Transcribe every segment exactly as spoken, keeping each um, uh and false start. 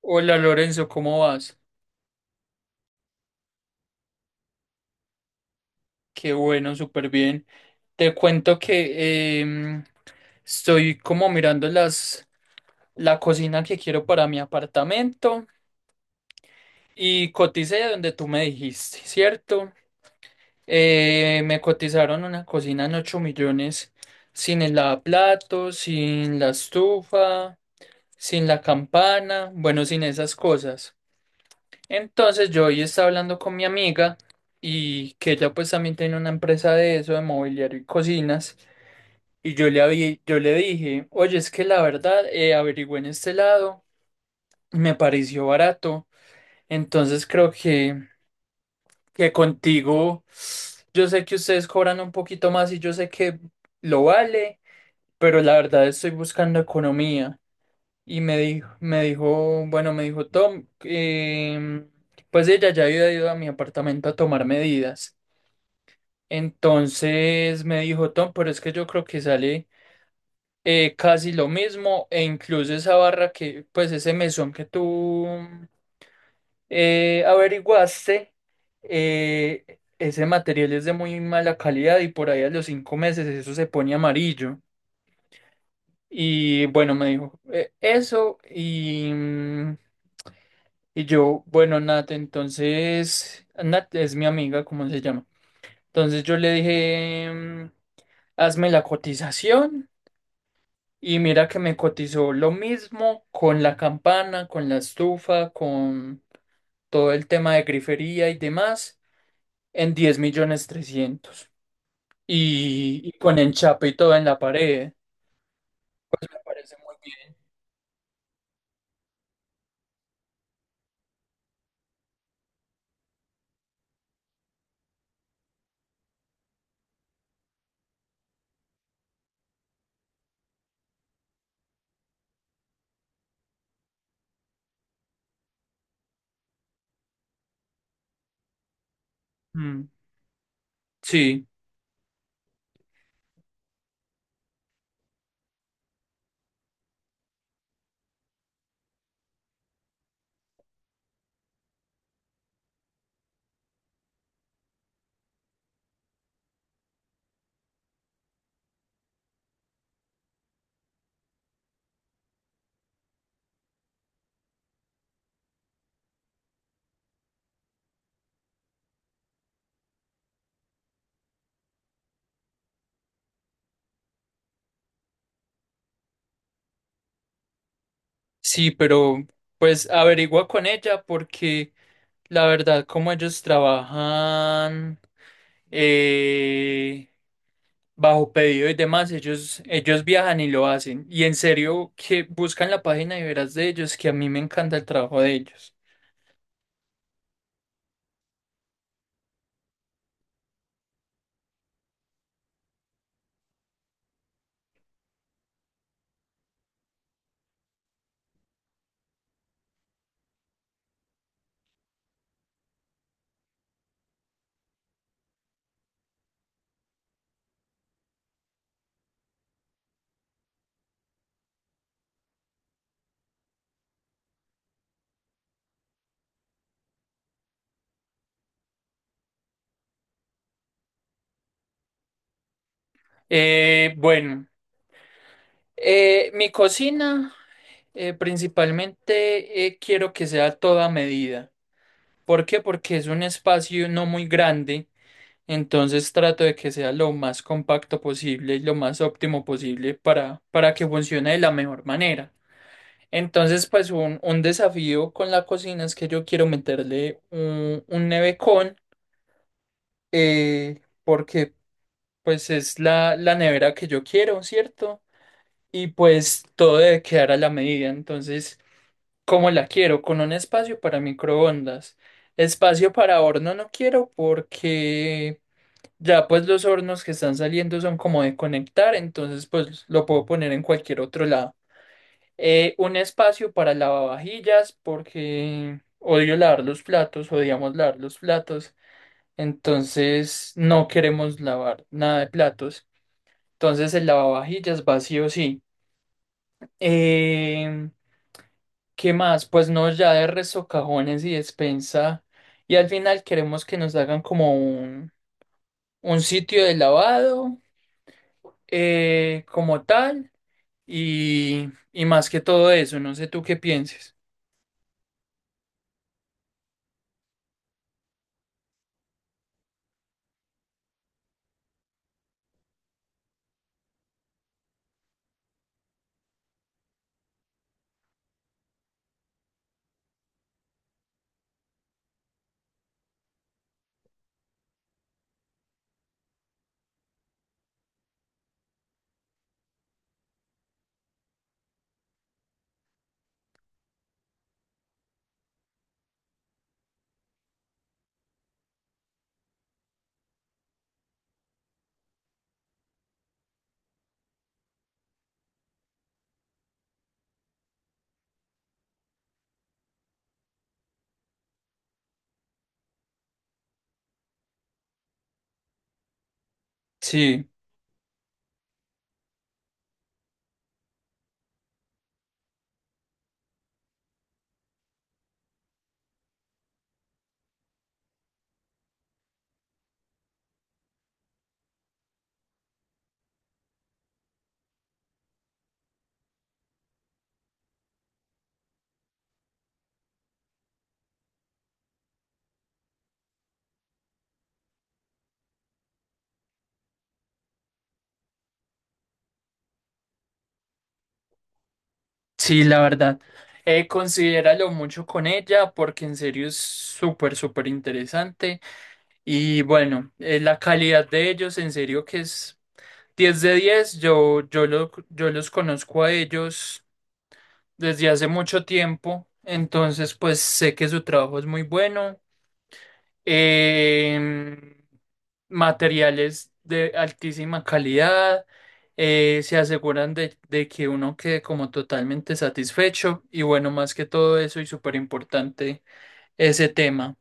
Hola Lorenzo, ¿cómo vas? Qué bueno, súper bien. Te cuento que em, estoy como mirando las, la cocina que quiero para mi apartamento y coticé donde tú me dijiste, ¿cierto? Eh, me cotizaron una cocina en ocho millones sin el lavaplatos, sin la estufa, sin la campana, bueno, sin esas cosas. Entonces yo hoy estaba hablando con mi amiga y que ella pues también tiene una empresa de eso, de mobiliario y cocinas. Y yo le, habí- yo le dije, oye, es que la verdad, eh, averigüé en este lado, me pareció barato. Entonces creo que, que contigo, yo sé que ustedes cobran un poquito más y yo sé que lo vale, pero la verdad estoy buscando economía. Y me dijo, me dijo, bueno, me dijo Tom, em, pues ella ya había ido a mi apartamento a tomar medidas. Entonces me dijo Tom, pero es que yo creo que sale eh, casi lo mismo e incluso esa barra que, pues ese mesón que tú eh, averiguaste, eh, ese material es de muy mala calidad y por ahí a los cinco meses eso se pone amarillo. Y bueno, me dijo eh, eso y... mm, Y yo, bueno, Nat, entonces, Nat es mi amiga, ¿cómo se llama? Entonces yo le dije, mm, hazme la cotización y mira que me cotizó lo mismo con la campana, con la estufa, con todo el tema de grifería y demás en diez millones trescientos y, y con enchape y todo en la pared. Me parece muy bien. Mm, sí, sí, pero pues averigua con ella porque... La verdad, como ellos trabajan eh, bajo pedido y demás, ellos, ellos viajan y lo hacen. Y en serio, que buscan la página y verás de ellos, que a mí me encanta el trabajo de ellos. Eh, bueno, eh, mi cocina eh, principalmente eh, quiero que sea a toda medida. ¿Por qué? Porque es un espacio no muy grande. Entonces trato de que sea lo más compacto posible y lo más óptimo posible para, para que funcione de la mejor manera. Entonces, pues un, un desafío con la cocina es que yo quiero meterle un, un nevecón, eh, porque pues es la, la nevera que yo quiero, ¿cierto? Y pues todo debe quedar a la medida. Entonces, ¿cómo la quiero? Con un espacio para microondas. Espacio para horno no quiero porque... Ya pues los hornos que están saliendo son como de conectar, entonces pues lo puedo poner en cualquier otro lado. Eh, un espacio para lavavajillas porque odio lavar los platos, odiamos lavar los platos, entonces no queremos lavar nada de platos. Entonces el lavavajillas va sí. o Em, ¿Qué más? Pues no, ya de resto cajones y despensa. Y al final queremos que nos hagan como un, un sitio de lavado eh, como tal. Y, y más que todo eso, no sé tú qué pienses. Sí, sí, la verdad. Eh, considéralo mucho con ella porque en serio es súper, súper interesante. Y bueno, eh, la calidad de ellos en serio que es diez de diez. Yo, yo, lo, yo los conozco a ellos desde hace mucho tiempo. Entonces, pues sé que su trabajo es muy bueno. Em, Materiales de altísima calidad, eh, se aseguran de, de que uno quede como totalmente satisfecho y bueno, más que todo eso y súper importante ese tema.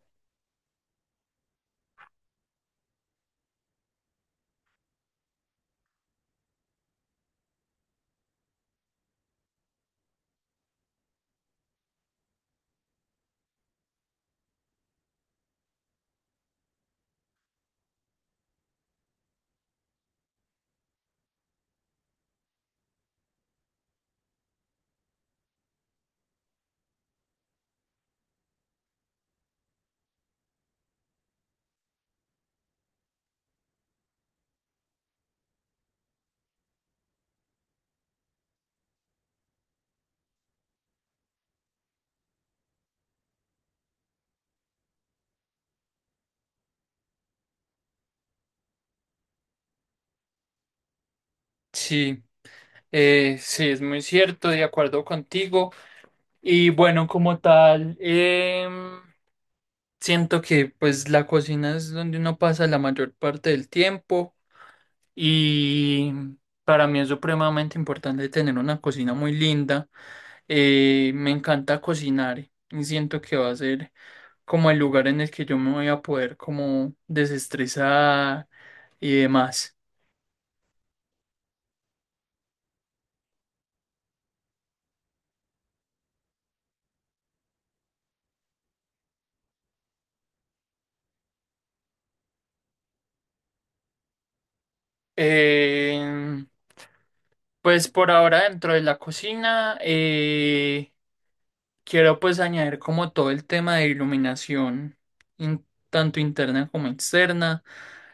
Sí, eh, sí, es muy cierto, de acuerdo contigo. Y bueno, como tal, em, siento que pues la cocina es donde uno pasa la mayor parte del tiempo. Y para mí es supremamente importante tener una cocina muy linda. Eh, me encanta cocinar y siento que va a ser como el lugar en el que yo me voy a poder como desestresar y demás. Eh, pues por ahora dentro de la cocina eh, quiero pues añadir como todo el tema de iluminación, in- tanto interna como externa.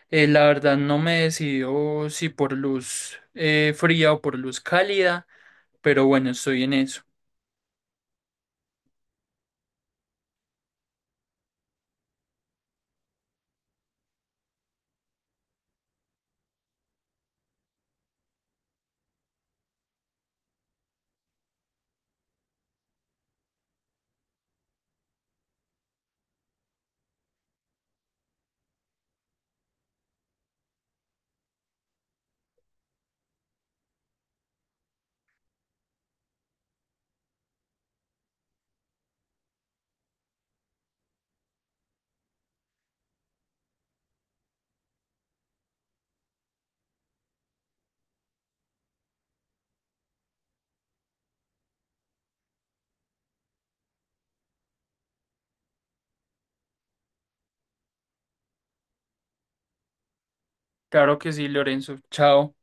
Eh, la verdad no me he decidido si por luz eh, fría o por luz cálida, pero bueno, estoy en eso. Claro que sí, Lorenzo. Chao.